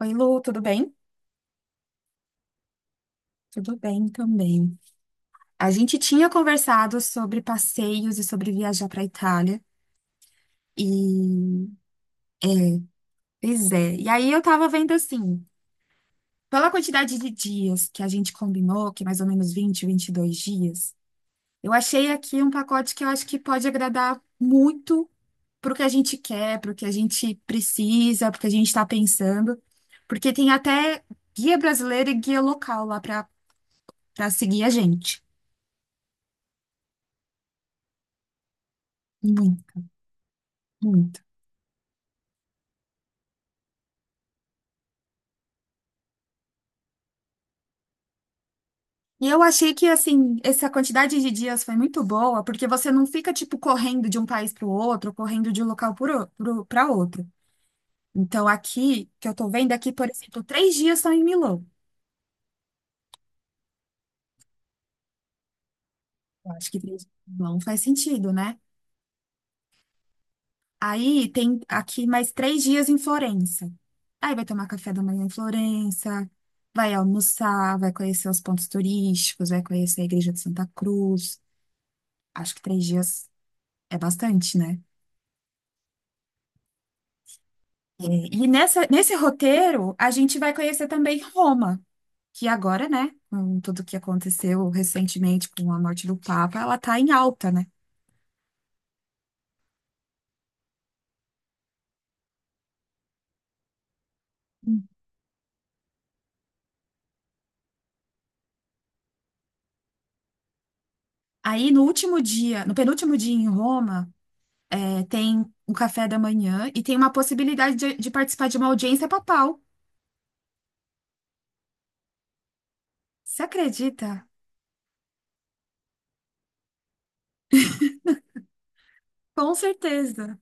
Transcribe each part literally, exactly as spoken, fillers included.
Oi, Lu, tudo bem? Tudo bem também. A gente tinha conversado sobre passeios e sobre viajar para a Itália. E, é, Pois é. E aí eu tava vendo assim, pela quantidade de dias que a gente combinou, que é mais ou menos vinte, vinte e dois dias, eu achei aqui um pacote que eu acho que pode agradar muito pro que a gente quer, pro que a gente precisa, pro que a gente está pensando, porque tem até guia brasileiro e guia local lá para para seguir a gente. Muito, muito. E eu achei que, assim, essa quantidade de dias foi muito boa, porque você não fica, tipo, correndo de um país para o outro, correndo de um local para outro. Então, aqui, que eu tô vendo aqui, por exemplo, três dias são em Milão. Eu acho que três dias em Milão faz sentido, né? Aí tem aqui mais três dias em Florença. Aí vai tomar café da manhã em Florença, vai almoçar, vai conhecer os pontos turísticos, vai conhecer a Igreja de Santa Cruz. Acho que três dias é bastante, né? E nessa, nesse roteiro, a gente vai conhecer também Roma, que agora, né, com tudo que aconteceu recentemente com a morte do Papa, ela tá em alta, né? Aí no último dia, no penúltimo dia em Roma, é, tem um café da manhã e tem uma possibilidade de, de participar de uma audiência papal. Você acredita? Com certeza,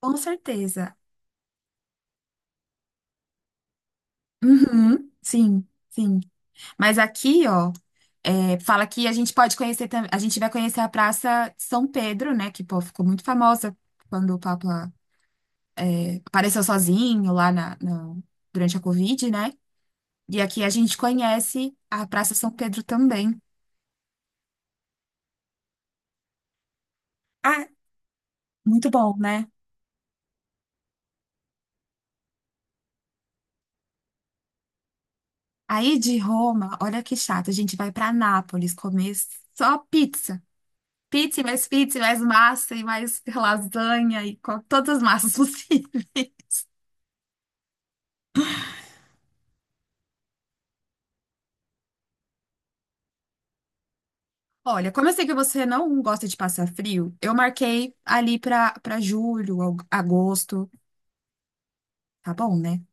com certeza. Uhum, sim, sim. Mas aqui, ó. É, fala que a gente pode conhecer, tam- a gente vai conhecer a Praça de São Pedro, né? Que, pô, ficou muito famosa quando o Papa é, apareceu sozinho lá na, na- durante a Covid, né? E aqui a gente conhece a Praça São Pedro também. Ah, muito bom, né? Aí de Roma, olha que chato, a gente vai para Nápoles comer só pizza. Pizza, e mais pizza, e mais massa, e mais lasanha, e co- todas as massas possíveis. Olha, como eu sei que você não gosta de passar frio, eu marquei ali para para julho, ao- agosto, tá bom, né?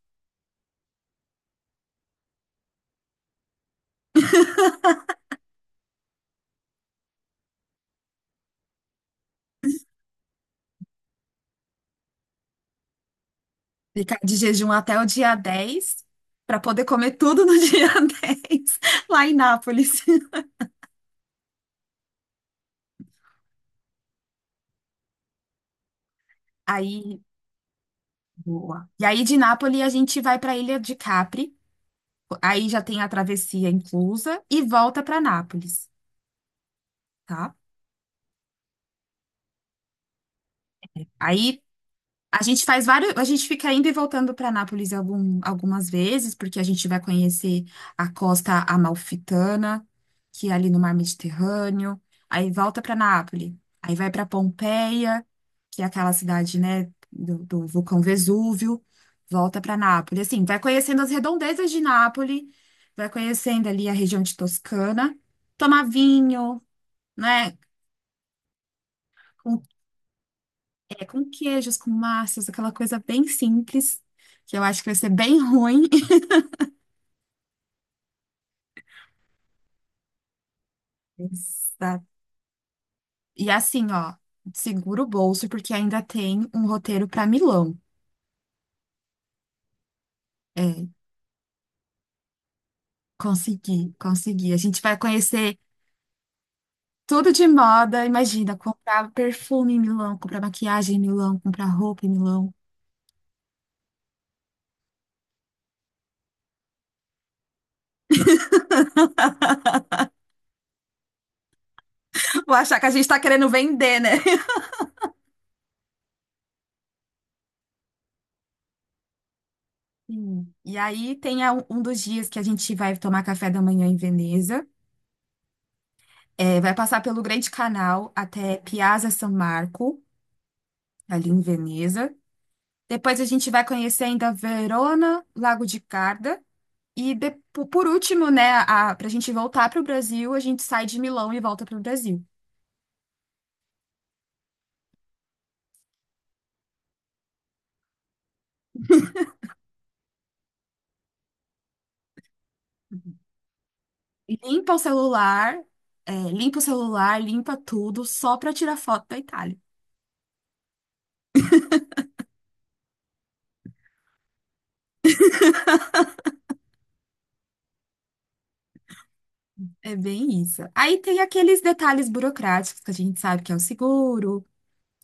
Ficar de jejum até o dia dez, para poder comer tudo no dia dez lá em Nápoles. Aí, boa. E aí de Nápoles a gente vai para a Ilha de Capri, aí já tem a travessia inclusa e volta para Nápoles, tá? Aí a gente faz vários, a gente fica indo e voltando para Nápoles algum- algumas vezes, porque a gente vai conhecer a costa amalfitana, que é ali no Mar Mediterrâneo, aí volta para Nápoles, aí vai para Pompeia, que é aquela cidade, né, do, do vulcão Vesúvio, volta para Nápoles. Assim, vai conhecendo as redondezas de Nápoles, vai conhecendo ali a região de Toscana, tomar vinho, né? É com queijos, com massas, aquela coisa bem simples, que eu acho que vai ser bem ruim. Exato. E assim, ó, segura o bolso, porque ainda tem um roteiro para Milão. É, consegui, consegui. A gente vai conhecer tudo de moda, imagina, comprar perfume em Milão, comprar maquiagem em Milão, comprar roupa em Milão. Vou achar que a gente tá querendo vender, né? Sim. E aí tem a- um dos dias que a gente vai tomar café da manhã em Veneza. É, vai passar pelo Grande Canal até Piazza San Marco, ali em Veneza. Depois a gente vai conhecer ainda Verona, Lago de Garda. E de- po- por último, né, a, pra gente voltar pro Brasil, a gente sai de Milão e volta pro Brasil. Limpa o celular, é, limpa o celular, limpa tudo, só pra tirar foto da Itália. É bem isso. Aí tem aqueles detalhes burocráticos que a gente sabe que é o seguro,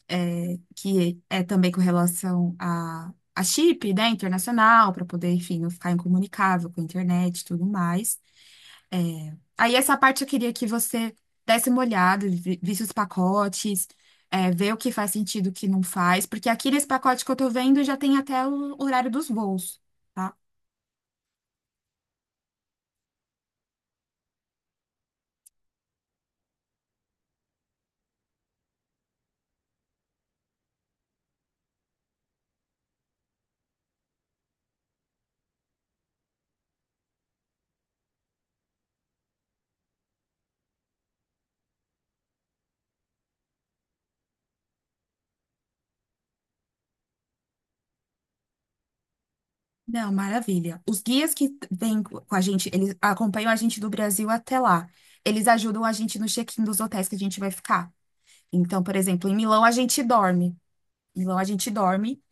é, que é também com relação a, a chip, né, internacional, para poder, enfim, não ficar incomunicável com a internet e tudo mais. É, aí essa parte eu queria que você desse uma olhada, vi- visse os pacotes, é, ver o que faz sentido, o que não faz, porque aqui nesse pacote que eu tô vendo já tem até o horário dos voos. Tá? Não, maravilha. Os guias que vêm co- com a gente, eles acompanham a gente do Brasil até lá. Eles ajudam a gente no check-in dos hotéis que a gente vai ficar. Então, por exemplo, em Milão a gente dorme. Em Milão a gente dorme.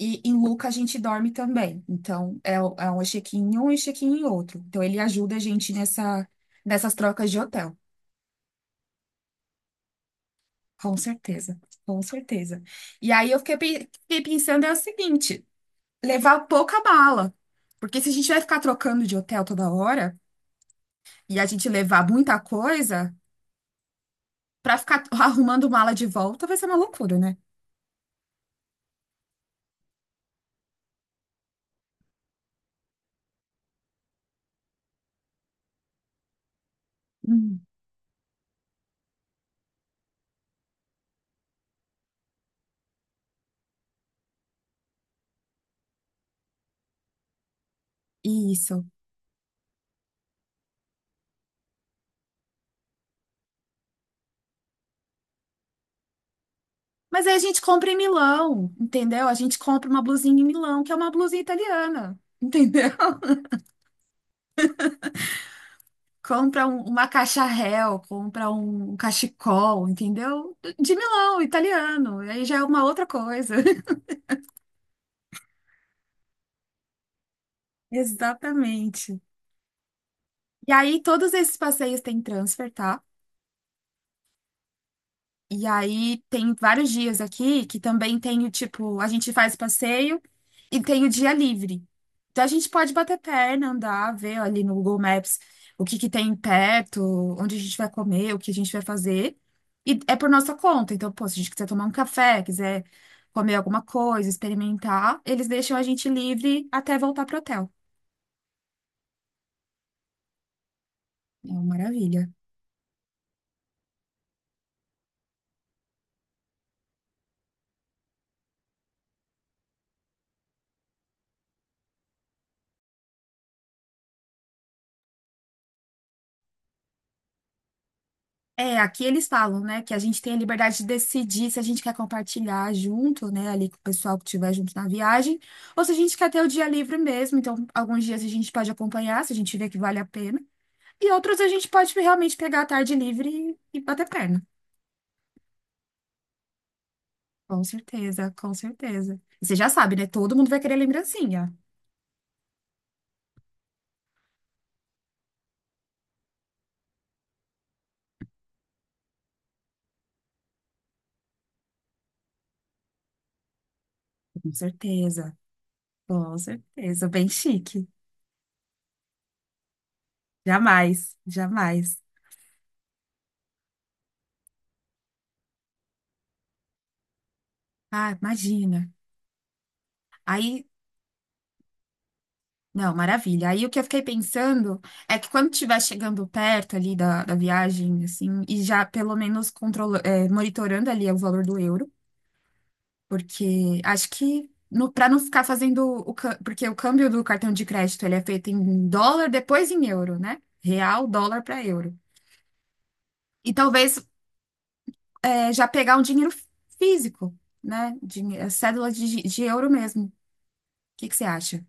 E em Luca a gente dorme também. Então, é, o- é um check-in em um e check-in em outro. Então, ele ajuda a gente nessa, nessas trocas de hotel. Com certeza. Com certeza. E aí eu fiquei, pe- fiquei pensando é o seguinte: levar pouca mala. Porque se a gente vai ficar trocando de hotel toda hora e a gente levar muita coisa, pra ficar arrumando mala de volta vai ser uma loucura, né? Hum. Isso. Mas aí a gente compra em Milão, entendeu? A gente compra uma blusinha em Milão, que é uma blusinha italiana, entendeu? Compra um- uma caixa réu, compra um um cachecol, entendeu? De Milão, italiano. Aí já é uma outra coisa. Exatamente. E aí todos esses passeios têm transfer, tá? E aí tem vários dias aqui que também tem o tipo, a gente faz passeio e tem o dia livre. Então a gente pode bater perna, andar, ver ali no Google Maps o que que tem perto, onde a gente vai comer, o que a gente vai fazer. E é por nossa conta. Então, pô, se a gente quiser tomar um café, quiser comer alguma coisa, experimentar, eles deixam a gente livre até voltar pro hotel. É uma maravilha. É, aqui eles falam, né, que a gente tem a liberdade de decidir se a gente quer compartilhar junto, né, ali com o pessoal que estiver junto na viagem, ou se a gente quer ter o dia livre mesmo. Então, alguns dias a gente pode acompanhar, se a gente vê que vale a pena, e outros a gente pode realmente pegar a tarde livre e, e bater perna. Com certeza, com certeza. E você já sabe, né? Todo mundo vai querer lembrancinha. Com certeza, com certeza. Bem chique. Jamais, jamais. Ah, imagina. Aí. Não, maravilha. Aí o que eu fiquei pensando é que quando estiver chegando perto ali da, da viagem, assim, e já pelo menos controla, é, monitorando ali o valor do euro, porque acho que no, para não ficar fazendo o, cã- porque o câmbio do cartão de crédito ele é feito em dólar, depois em euro, né? Real, dólar para euro. E talvez é, já pegar um dinheiro físico, né? Dinhe- é cédula de, de euro mesmo. O que que você acha?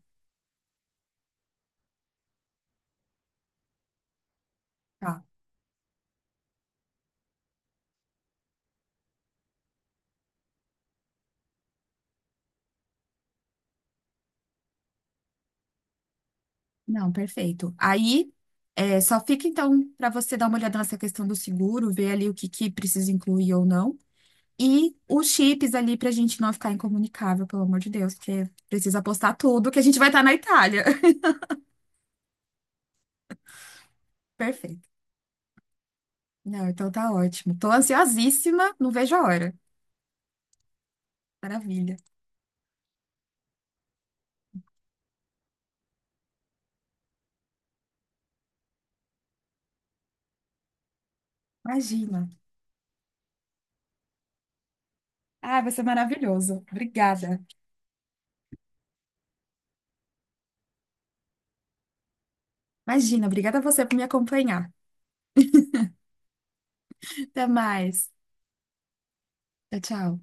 Não, perfeito. Aí, é, só fica então para você dar uma olhada nessa questão do seguro, ver ali o que que precisa incluir ou não. E os chips ali para a gente não ficar incomunicável, pelo amor de Deus, porque precisa postar tudo que a gente vai estar na Itália. Perfeito. Não, então tá ótimo. Tô ansiosíssima, não vejo a hora. Maravilha. Imagina. Ah, vai ser maravilhoso. Obrigada. Imagina, obrigada a você por me acompanhar. Até mais. Tchau, tchau.